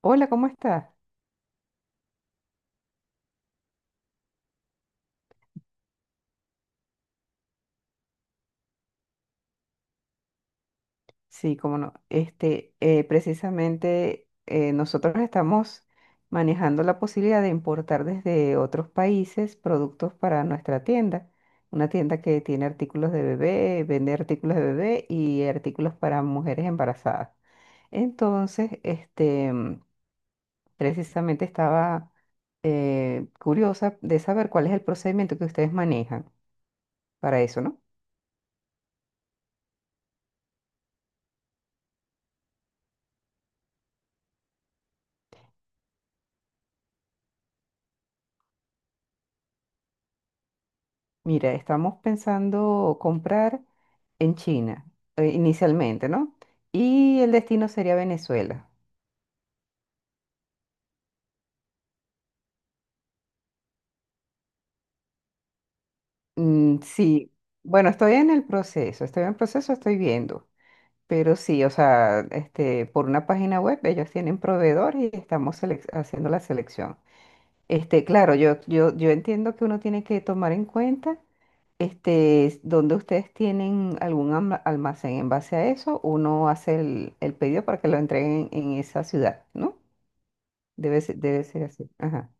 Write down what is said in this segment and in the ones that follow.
Hola, ¿cómo estás? Sí, cómo no. Precisamente nosotros estamos manejando la posibilidad de importar desde otros países productos para nuestra tienda. Una tienda que tiene artículos de bebé, vende artículos de bebé y artículos para mujeres embarazadas. Entonces, precisamente estaba curiosa de saber cuál es el procedimiento que ustedes manejan para eso, ¿no? Mira, estamos pensando comprar en China, inicialmente, ¿no? Y el destino sería Venezuela. Mm, sí, bueno, estoy en el proceso, estoy en el proceso, estoy viendo. Pero sí, o sea, por una página web ellos tienen proveedor y haciendo la selección. Este, claro, yo entiendo que uno tiene que tomar en cuenta. Este, donde ustedes tienen almacén en base a eso, uno hace el pedido para que lo entreguen en esa ciudad, ¿no? Debe ser así. Ajá.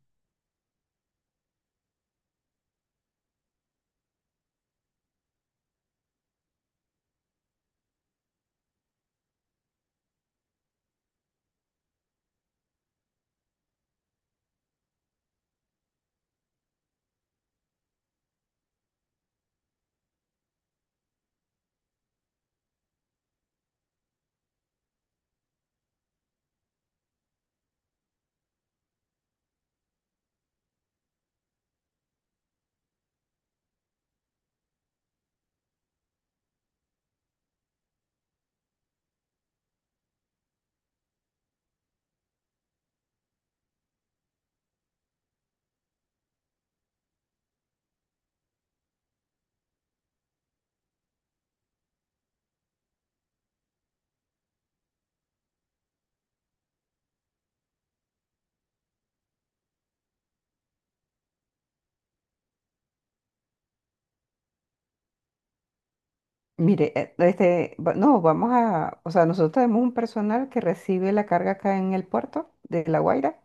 Mire, este, va- no, vamos a, o sea, nosotros tenemos un personal que recibe la carga acá en el puerto de La Guaira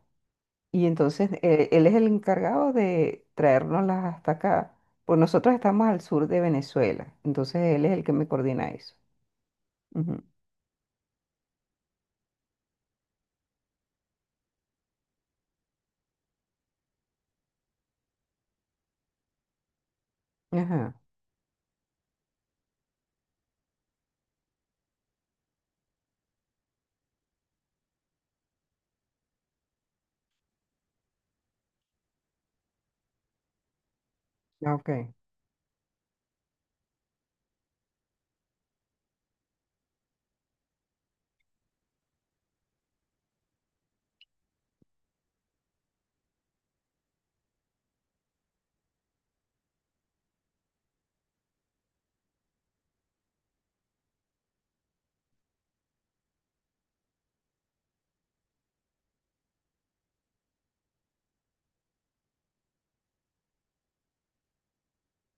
y entonces él es el encargado de traérnoslas hasta acá. Pues nosotros estamos al sur de Venezuela, entonces él es el que me coordina eso. Ujú. Ajá. Ah, ok,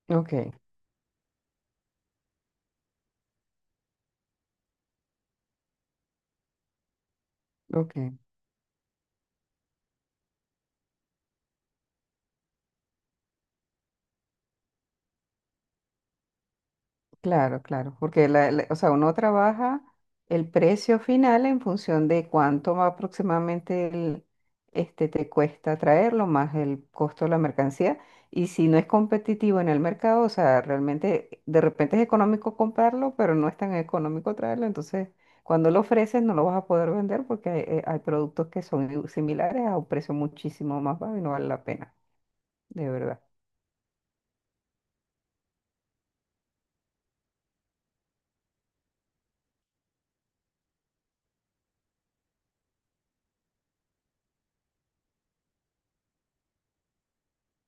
ok, ok. Claro, claro, porque o sea, uno trabaja el precio final en función de cuánto va aproximadamente te cuesta traerlo, más el costo de la mercancía. Y si no es competitivo en el mercado, o sea, realmente de repente es económico comprarlo, pero no es tan económico traerlo. Entonces, cuando lo ofreces, no lo vas a poder vender porque hay productos que son similares a un precio muchísimo más bajo y no vale la pena, de verdad.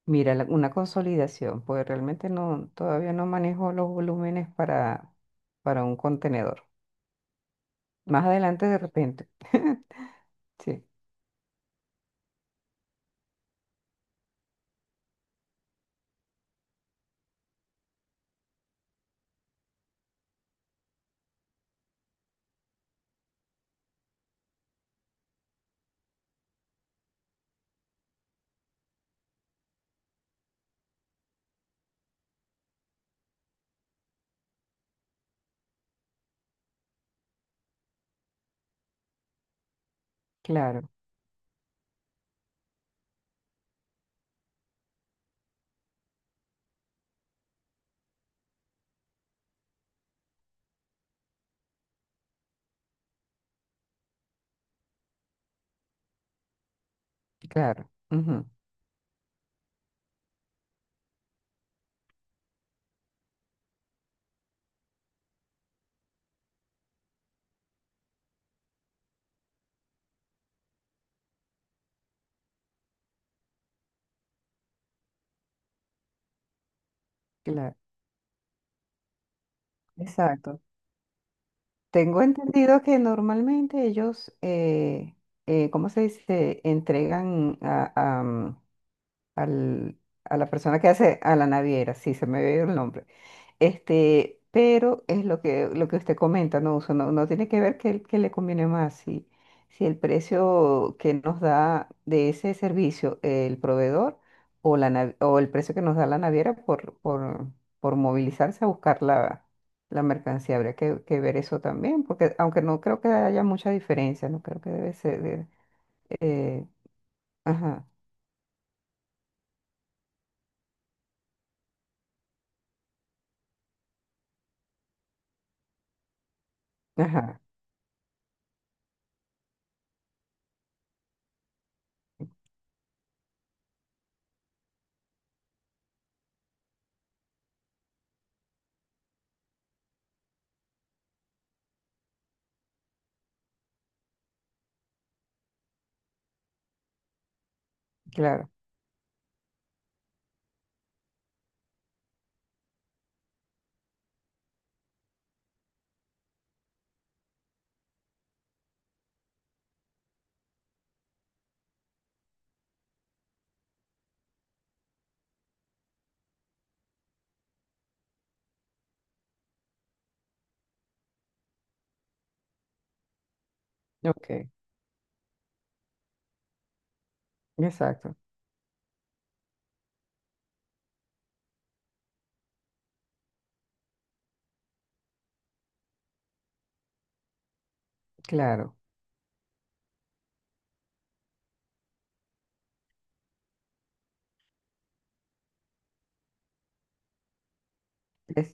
Mira, una consolidación, pues realmente no, todavía no manejo los volúmenes para un contenedor. Más adelante de repente. Sí, claro, claro, ujú, claro, exacto. Tengo entendido que normalmente ellos, ¿cómo se dice? Al- a la persona que hace a la naviera, sí, se me ve el nombre. Este, pero es lo que usted comenta, ¿no? Uso, no, no tiene que ver qué le conviene más. Si, si el precio que nos da de ese servicio el proveedor o el precio que nos da la naviera por movilizarse a buscar la mercancía. Habría que ver eso también, porque aunque no creo que haya mucha diferencia, no creo que debe sereh, ajá, ajá, claro. Ok. Exacto, claro. es-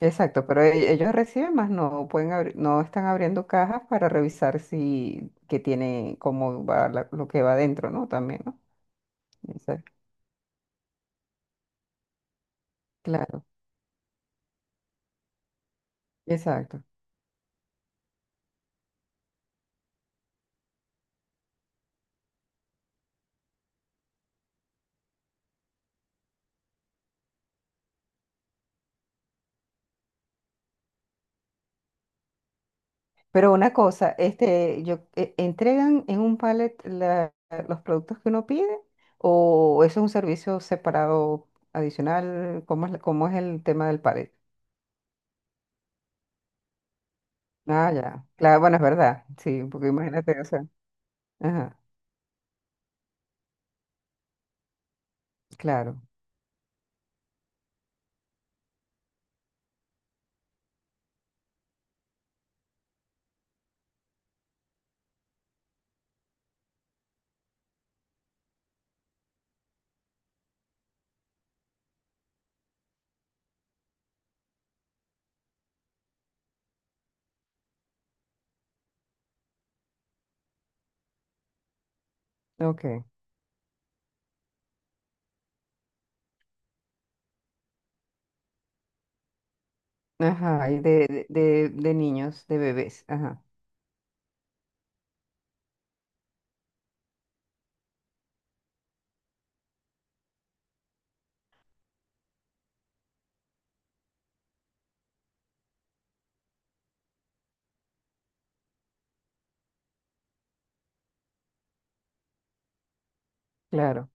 exacto, pero ellos reciben más, no pueden abrir, no están abriendo cajas para revisar si que tiene cómo va lo que va adentro, ¿no? También, ¿no? Esa- claro, exacto. Pero una cosa, este, entregan en un pallet los productos que uno pide o eso es un servicio separado adicional, ¿cómo es, cómo es el tema del pallet? Ah, ya. Claro, bueno, es verdad. Sí, porque imagínate, o sea, ajá, claro. Ok. Ajá, y de niños, de bebés, ajá, claro,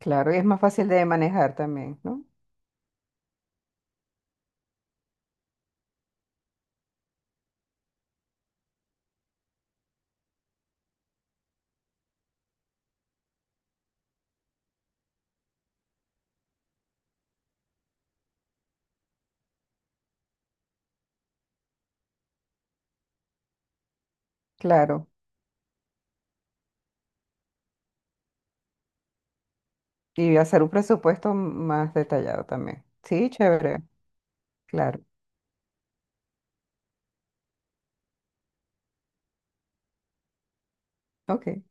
claro, y es más fácil de manejar también, ¿no? Claro, y hacer un presupuesto más detallado también. Sí, chévere, claro, ok.